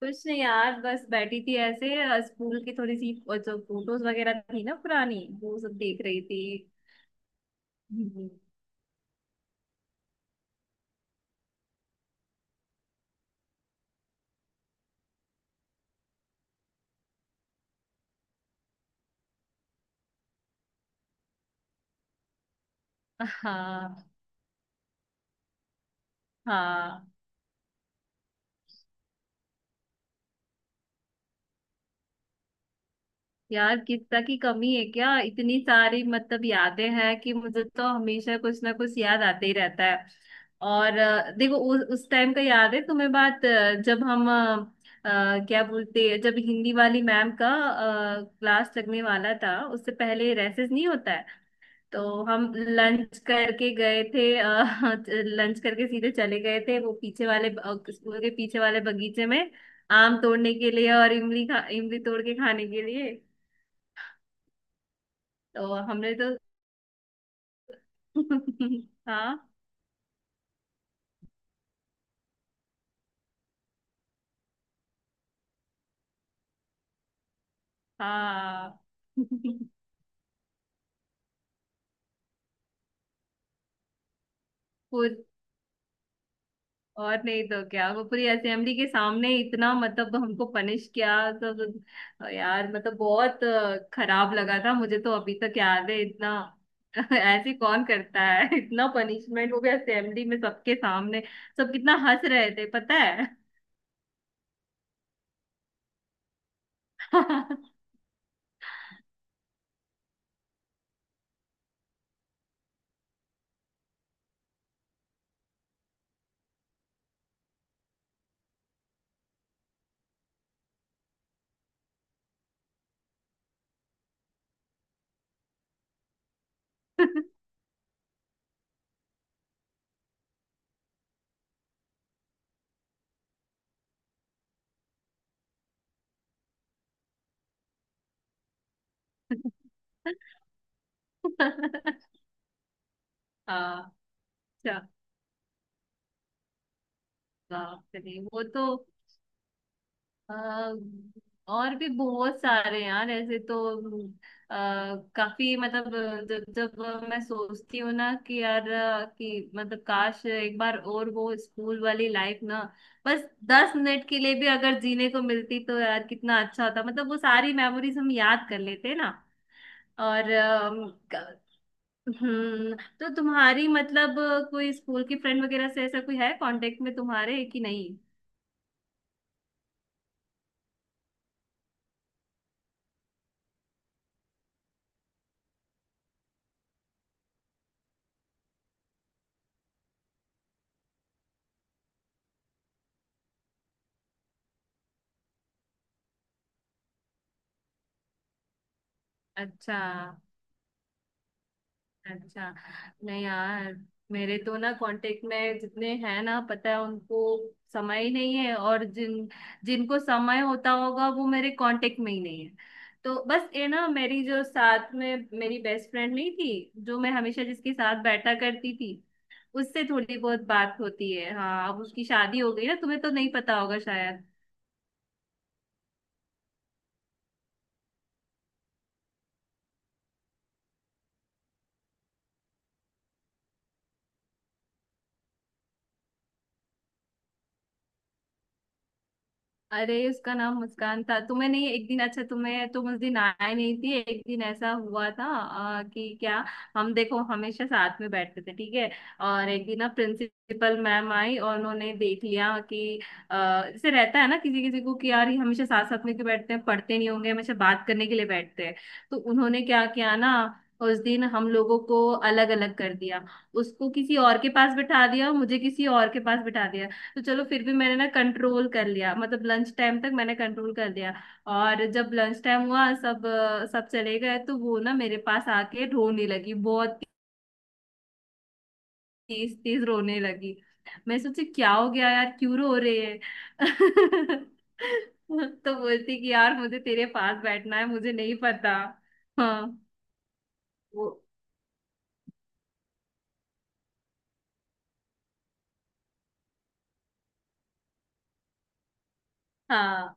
कुछ नहीं यार, बस बैठी थी ऐसे स्कूल की थोड़ी सी जो फोटोज वगैरह थी ना पुरानी। वो सब देख रही थी। हम्म। हाँ हाँ। यार, किस्सा की कमी है क्या? इतनी सारी मतलब यादें हैं कि मुझे तो हमेशा कुछ ना कुछ याद आते ही रहता है। और देखो उस टाइम का याद है तुम्हें बात, जब हम क्या बोलते हैं, जब हिंदी वाली मैम का क्लास लगने वाला था उससे पहले रेसेस नहीं होता है? तो हम लंच करके गए थे, लंच करके सीधे चले गए थे वो पीछे वाले स्कूल के पीछे वाले बगीचे में आम तोड़ने के लिए और इमली तोड़ के खाने के लिए। तो हमने तो हाँ हाँ पूरी। और नहीं तो क्या, वो पूरी असेंबली के सामने इतना मतलब हमको पनिश किया सब, यार मतलब बहुत खराब लगा था मुझे, तो अभी तक याद है इतना। ऐसे कौन करता है इतना पनिशमेंट, वो भी असेंबली में सबके सामने। सब कितना हंस रहे थे पता है? हाँ। अच्छा। हाँ चलिए वो तो। अ, और भी बहुत सारे यार ऐसे तो। अ, काफी मतलब। जब जब मैं सोचती हूँ ना कि यार, कि मतलब काश एक बार और वो स्कूल वाली लाइफ ना। बस 10 मिनट के लिए भी अगर जीने को मिलती तो यार कितना अच्छा होता, मतलब वो सारी मेमोरीज हम याद कर लेते ना। और तो तुम्हारी मतलब कोई स्कूल की फ्रेंड वगैरह से ऐसा कोई है कांटेक्ट में तुम्हारे कि नहीं? अच्छा अच्छा। नहीं यार, मेरे तो ना कांटेक्ट में जितने हैं ना, पता है उनको समय ही नहीं है, और जिनको समय होता होगा वो मेरे कांटेक्ट में ही नहीं है। तो बस ये ना मेरी जो साथ में मेरी बेस्ट फ्रेंड नहीं थी, जो मैं हमेशा जिसके साथ बैठा करती थी, उससे थोड़ी बहुत बात होती है। हाँ अब उसकी शादी हो गई ना, तुम्हें तो नहीं पता होगा शायद। अरे उसका नाम मुस्कान था, तुम्हें नहीं एक दिन अच्छा तुम्हें तुम उस दिन आए नहीं थी, एक दिन ऐसा हुआ था कि क्या, हम देखो हमेशा साथ में बैठते थे ठीक है, और एक दिन ना प्रिंसिपल मैम आई और उन्होंने देख लिया कि अ, जैसे रहता है ना किसी किसी को कि यार ये हमेशा साथ साथ में क्यों बैठते हैं, पढ़ते नहीं होंगे हमेशा बात करने के लिए बैठते हैं। तो उन्होंने क्या किया ना, उस दिन हम लोगों को अलग अलग कर दिया। उसको किसी और के पास बिठा दिया और मुझे किसी और के पास बिठा दिया। तो चलो फिर भी मैंने ना कंट्रोल कर लिया, मतलब लंच टाइम तक मैंने कंट्रोल कर लिया। और जब लंच टाइम हुआ, सब चले गए तो वो ना मेरे पास आके रोने लगी, बहुत तेज तेज रोने लगी। मैं सोची क्या हो गया यार, क्यों रो रहे हैं? तो बोलती कि यार मुझे तेरे पास बैठना है, मुझे नहीं पता। हाँ वो हाँ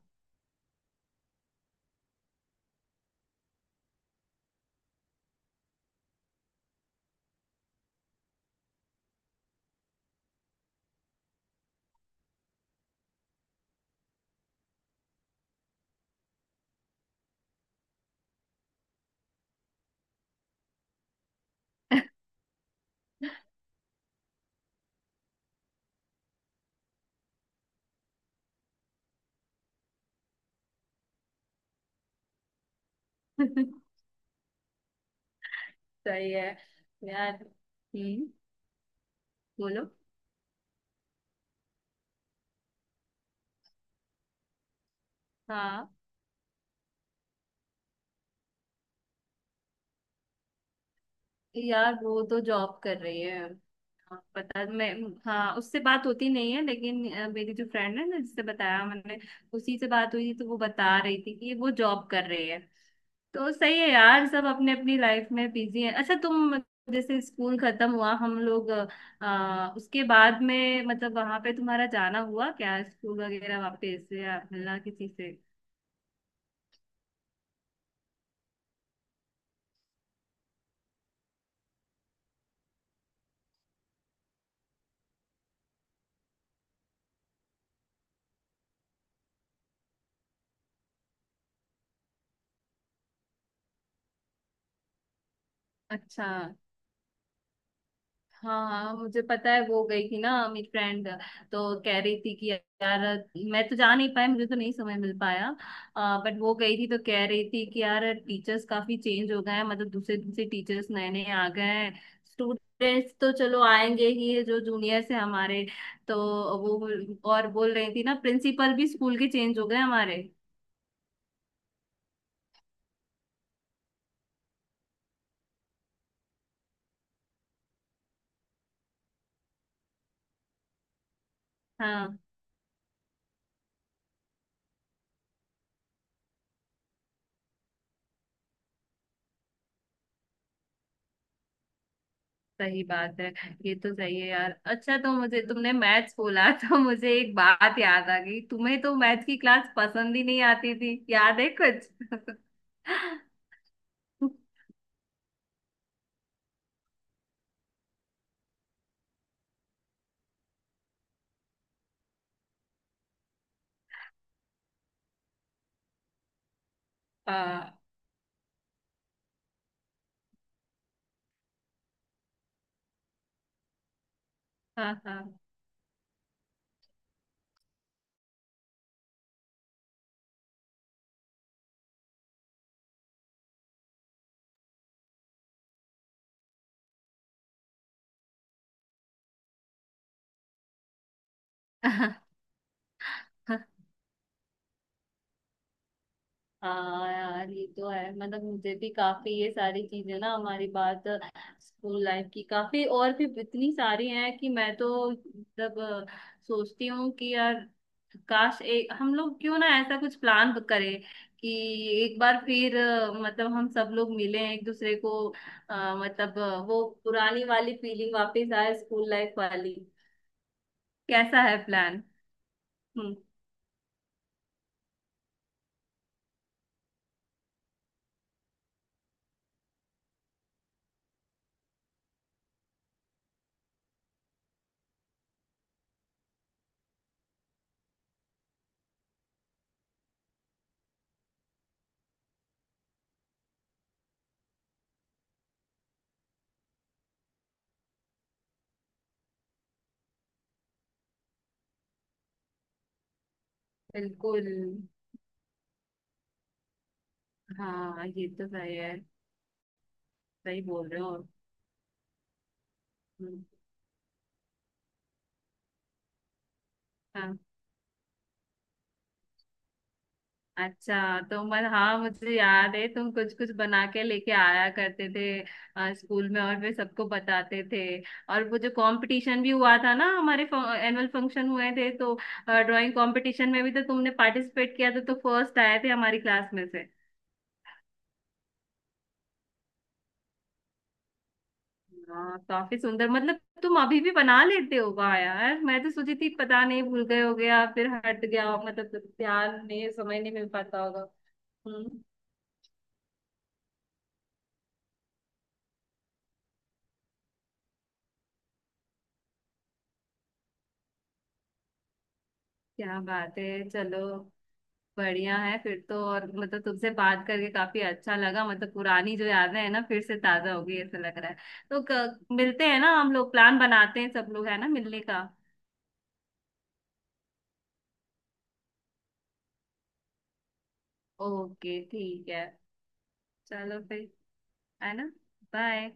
सही है यार। हम्म। बोलो। हाँ। यार वो तो जॉब कर रही है, पता मैं। हाँ उससे बात होती नहीं है, लेकिन मेरी जो फ्रेंड है ना, जिससे बताया मैंने उसी से बात हुई थी तो वो बता रही थी कि वो जॉब कर रही है। तो सही है यार, सब अपने अपनी लाइफ में बिजी है। अच्छा तुम जैसे स्कूल खत्म हुआ हम लोग, उसके बाद में मतलब वहां पे तुम्हारा जाना हुआ क्या स्कूल वगैरह वापस या मिलना किसी से? अच्छा। हाँ हाँ, मुझे पता है वो गई थी ना मेरी फ्रेंड, तो कह रही थी कि यार मैं तो जा नहीं पाई, मुझे तो नहीं समय मिल पाया। बट वो गई थी तो कह रही थी कि यार टीचर्स काफी चेंज हो गए हैं, मतलब दूसरे दूसरे टीचर्स नए नए आ गए हैं। स्टूडेंट्स तो चलो आएंगे ही जो जूनियर्स हैं हमारे। तो वो और बोल रही थी ना, प्रिंसिपल भी स्कूल के चेंज हो गए हमारे। हाँ सही बात है। ये तो सही है यार। अच्छा तो मुझे तुमने मैथ्स बोला तो मुझे एक बात याद आ गई, तुम्हें तो मैथ्स की क्लास पसंद ही नहीं आती थी, याद है कुछ? हाँ हाँ हाँ। हाँ यार ये तो है, मतलब मुझे भी काफी ये सारी चीजें ना, हमारी बात स्कूल लाइफ की काफी और भी इतनी सारी हैं कि मैं तो मतलब सोचती हूँ कि यार काश एक हम लोग क्यों ना ऐसा कुछ प्लान करें कि एक बार फिर मतलब हम सब लोग मिलें एक दूसरे को, वो पुरानी वाली फीलिंग वापस आए स्कूल लाइफ वाली। कैसा है प्लान? हम्म। बिल्कुल। हाँ ये तो सही है। सही बोल रहे हो। हम्म। हाँ, अच्छा तो मत हाँ मुझे याद है तुम कुछ कुछ बना के लेके आया करते थे स्कूल में, और फिर सबको बताते थे। और वो जो कंपटीशन भी हुआ था ना हमारे एनुअल फंक्शन हुए थे तो ड्राइंग कंपटीशन में भी तो तुमने पार्टिसिपेट किया था, तो फर्स्ट आए थे हमारी क्लास में से। हाँ काफी सुंदर, मतलब तुम अभी भी बना लेते हो, वाह यार मैं तो सोची थी पता नहीं भूल गए हो गया फिर हट गया हो, मतलब ध्यान नहीं समय नहीं मिल पाता होगा। हम्म। क्या बात है, चलो बढ़िया है फिर तो। और मतलब तुमसे बात करके काफी अच्छा लगा, मतलब पुरानी जो यादें हैं ना फिर से ताजा हो गई ऐसा लग रहा है। तो मिलते हैं ना हम लोग, प्लान बनाते हैं सब लोग, है ना मिलने का? ओके ठीक है। चलो फिर, है ना। बाय।